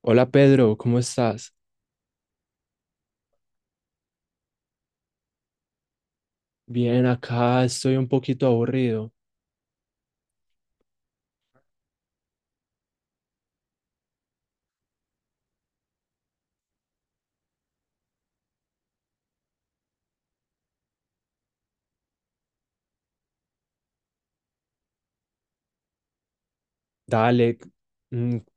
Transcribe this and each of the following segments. Hola Pedro, ¿cómo estás? Bien, acá estoy un poquito aburrido. Dale,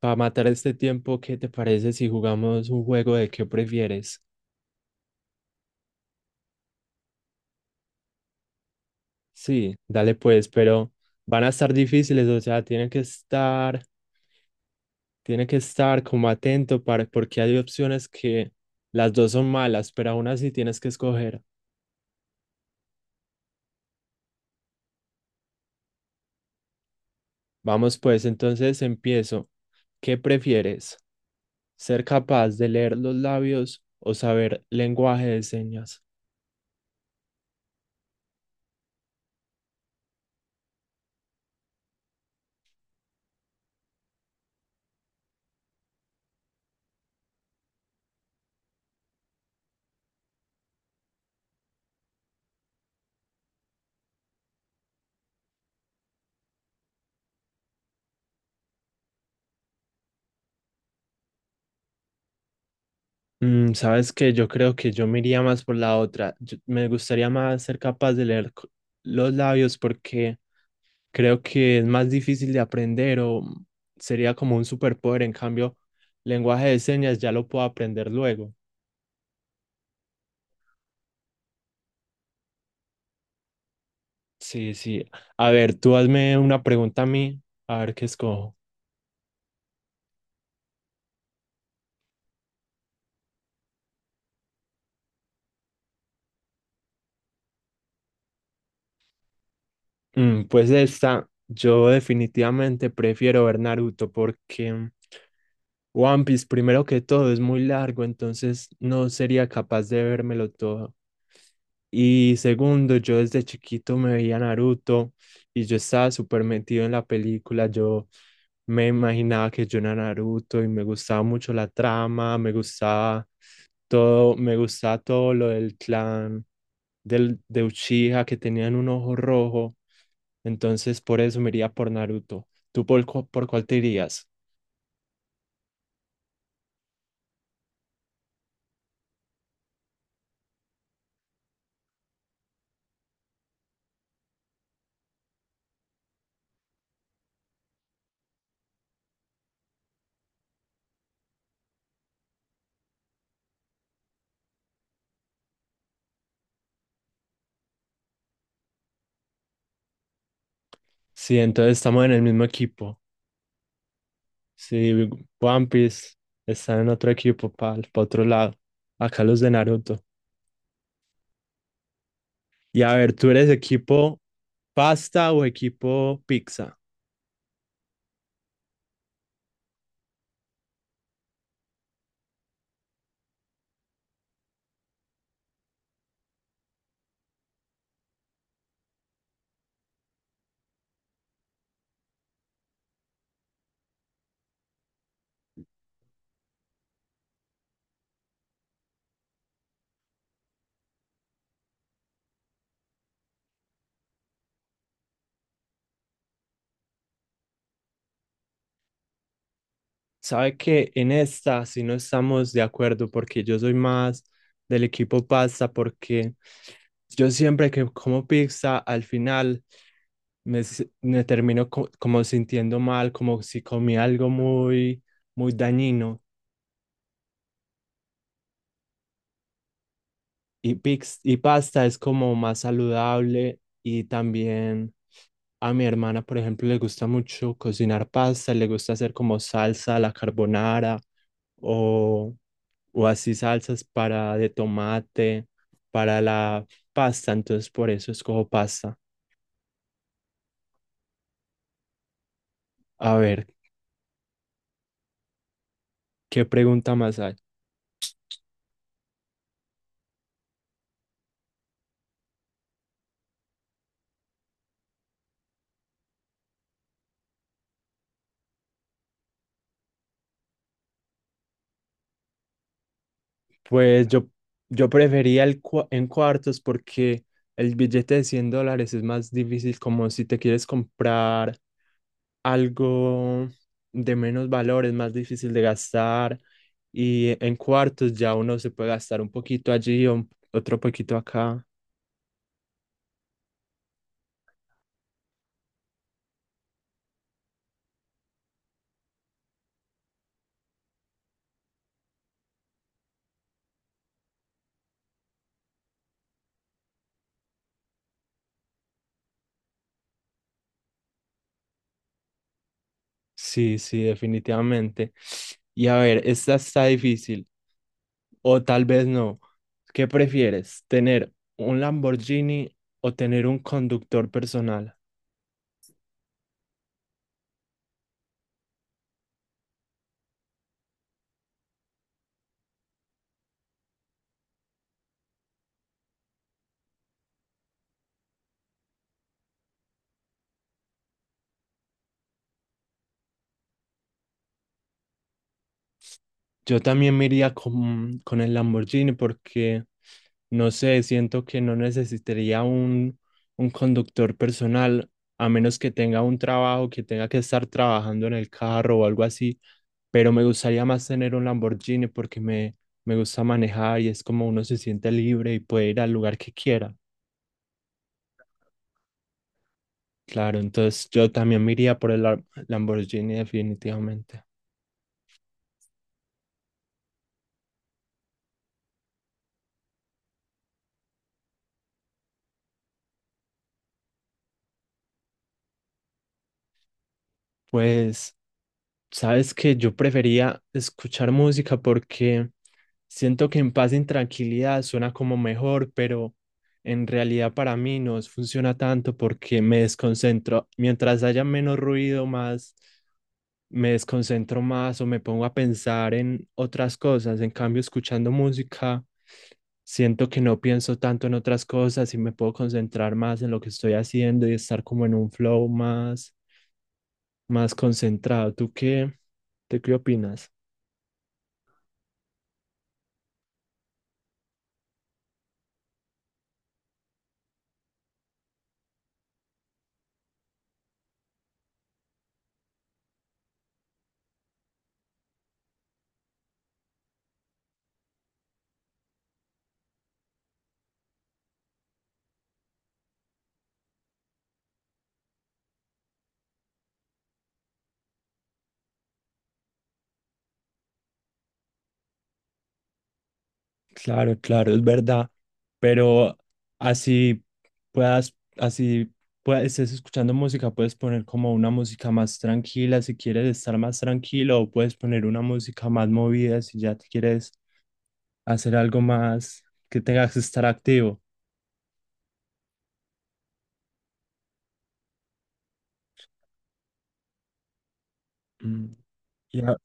para matar este tiempo, ¿qué te parece si jugamos un juego de qué prefieres? Sí, dale pues, pero van a estar difíciles, o sea, tiene que estar como atento para, porque hay opciones que las dos son malas, pero aún así tienes que escoger. Vamos pues, entonces empiezo. ¿Qué prefieres? ¿Ser capaz de leer los labios o saber lenguaje de señas? Sabes que yo creo que yo me iría más por la otra. Me gustaría más ser capaz de leer los labios porque creo que es más difícil de aprender o sería como un superpoder. En cambio, lenguaje de señas ya lo puedo aprender luego. Sí, sí. A ver, tú hazme una pregunta a mí, a ver qué escojo. Mm, pues esta, yo definitivamente prefiero ver Naruto porque One Piece, primero que todo, es muy largo, entonces no sería capaz de vérmelo todo. Y segundo, yo desde chiquito me veía Naruto y yo estaba súper metido en la película. Yo me imaginaba que yo era Naruto y me gustaba mucho la trama, me gustaba todo lo del clan de Uchiha que tenían un ojo rojo. Entonces, por eso me iría por Naruto. ¿ Por cuál te irías? Sí, entonces estamos en el mismo equipo. Sí, One Piece está en otro equipo, para otro lado. Acá los de Naruto. Y a ver, ¿tú eres equipo pasta o equipo pizza? Sabe que en esta sí no estamos de acuerdo porque yo soy más del equipo pasta porque yo siempre que como pizza al final me termino como sintiendo mal, como si comí algo muy, muy dañino. Y pasta es como más saludable y también a mi hermana, por ejemplo, le gusta mucho cocinar pasta, le gusta hacer como salsa a la carbonara o, o así salsas para de tomate, para la pasta, entonces por eso escojo pasta. A ver, ¿qué pregunta más hay? Pues yo, yo prefería en cuartos porque el billete de $100 es más difícil como si te quieres comprar algo de menos valor, es más difícil de gastar y en cuartos ya uno se puede gastar un poquito allí o otro poquito acá. Sí, sí, definitivamente. Y a ver, esta está difícil o tal vez no. ¿Qué prefieres? ¿Tener un Lamborghini o tener un conductor personal? Yo también me iría con el Lamborghini porque, no sé, siento que no necesitaría un conductor personal, a menos que tenga un trabajo, que tenga que estar trabajando en el carro o algo así, pero me gustaría más tener un Lamborghini porque me gusta manejar y es como uno se siente libre y puede ir al lugar que quiera. Claro, entonces yo también me iría por el Lamborghini definitivamente. Pues... Sabes que yo prefería escuchar música porque siento que en paz y en tranquilidad suena como mejor, pero en realidad para mí no funciona tanto porque me desconcentro. Mientras haya menos ruido, más me desconcentro más o me pongo a pensar en otras cosas. En cambio, escuchando música, siento que no pienso tanto en otras cosas y me puedo concentrar más en lo que estoy haciendo y estar como en un flow más concentrado. ¿ tú qué opinas? Claro, claro, es verdad, pero así así puedas, estés escuchando música, puedes poner como una música más tranquila si quieres estar más tranquilo, o puedes poner una música más movida si ya te quieres hacer algo más que tengas que estar activo. Mm, Ya,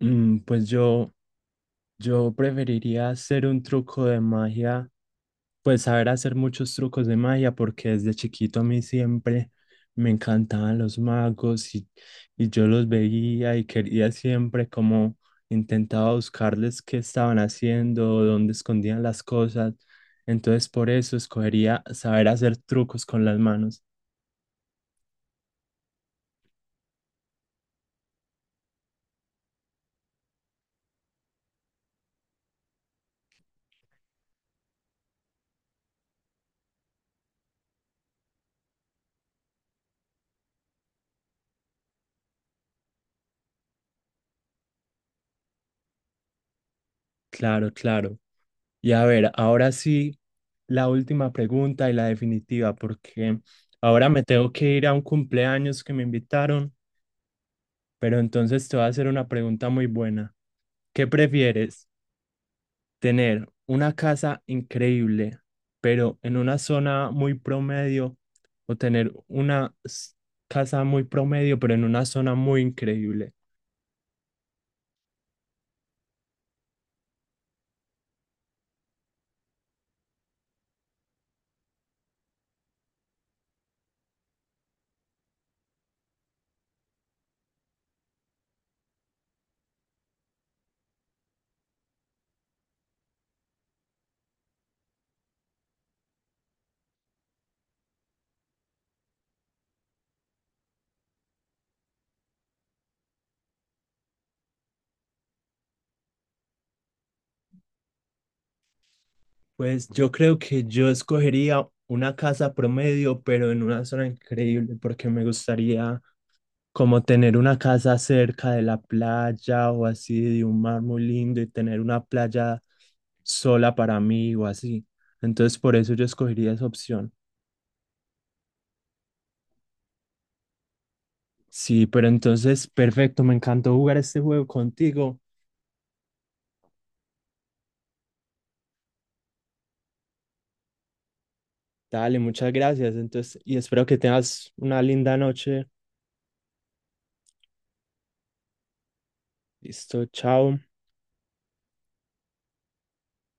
mm, pues yo, yo preferiría hacer un truco de magia. Pues saber hacer muchos trucos de magia, porque desde chiquito a mí siempre me encantaban los magos y yo los veía y quería siempre como intentaba buscarles qué estaban haciendo, dónde escondían las cosas. Entonces por eso escogería saber hacer trucos con las manos. Claro, claro. Y a ver, ahora sí, la última pregunta y la definitiva, porque ahora me tengo que ir a un cumpleaños que me invitaron. Pero entonces te voy a hacer una pregunta muy buena. ¿Qué prefieres? ¿Tener una casa increíble, pero en una zona muy promedio? ¿O tener una casa muy promedio, pero en una zona muy increíble? Pues yo creo que yo escogería una casa promedio, pero en una zona increíble, porque me gustaría como tener una casa cerca de la playa o así de un mar muy lindo y tener una playa sola para mí o así. Entonces por eso yo escogería esa opción. Sí, pero entonces perfecto, me encantó jugar este juego contigo. Dale, muchas gracias. Entonces, y espero que tengas una linda noche. Listo, chao.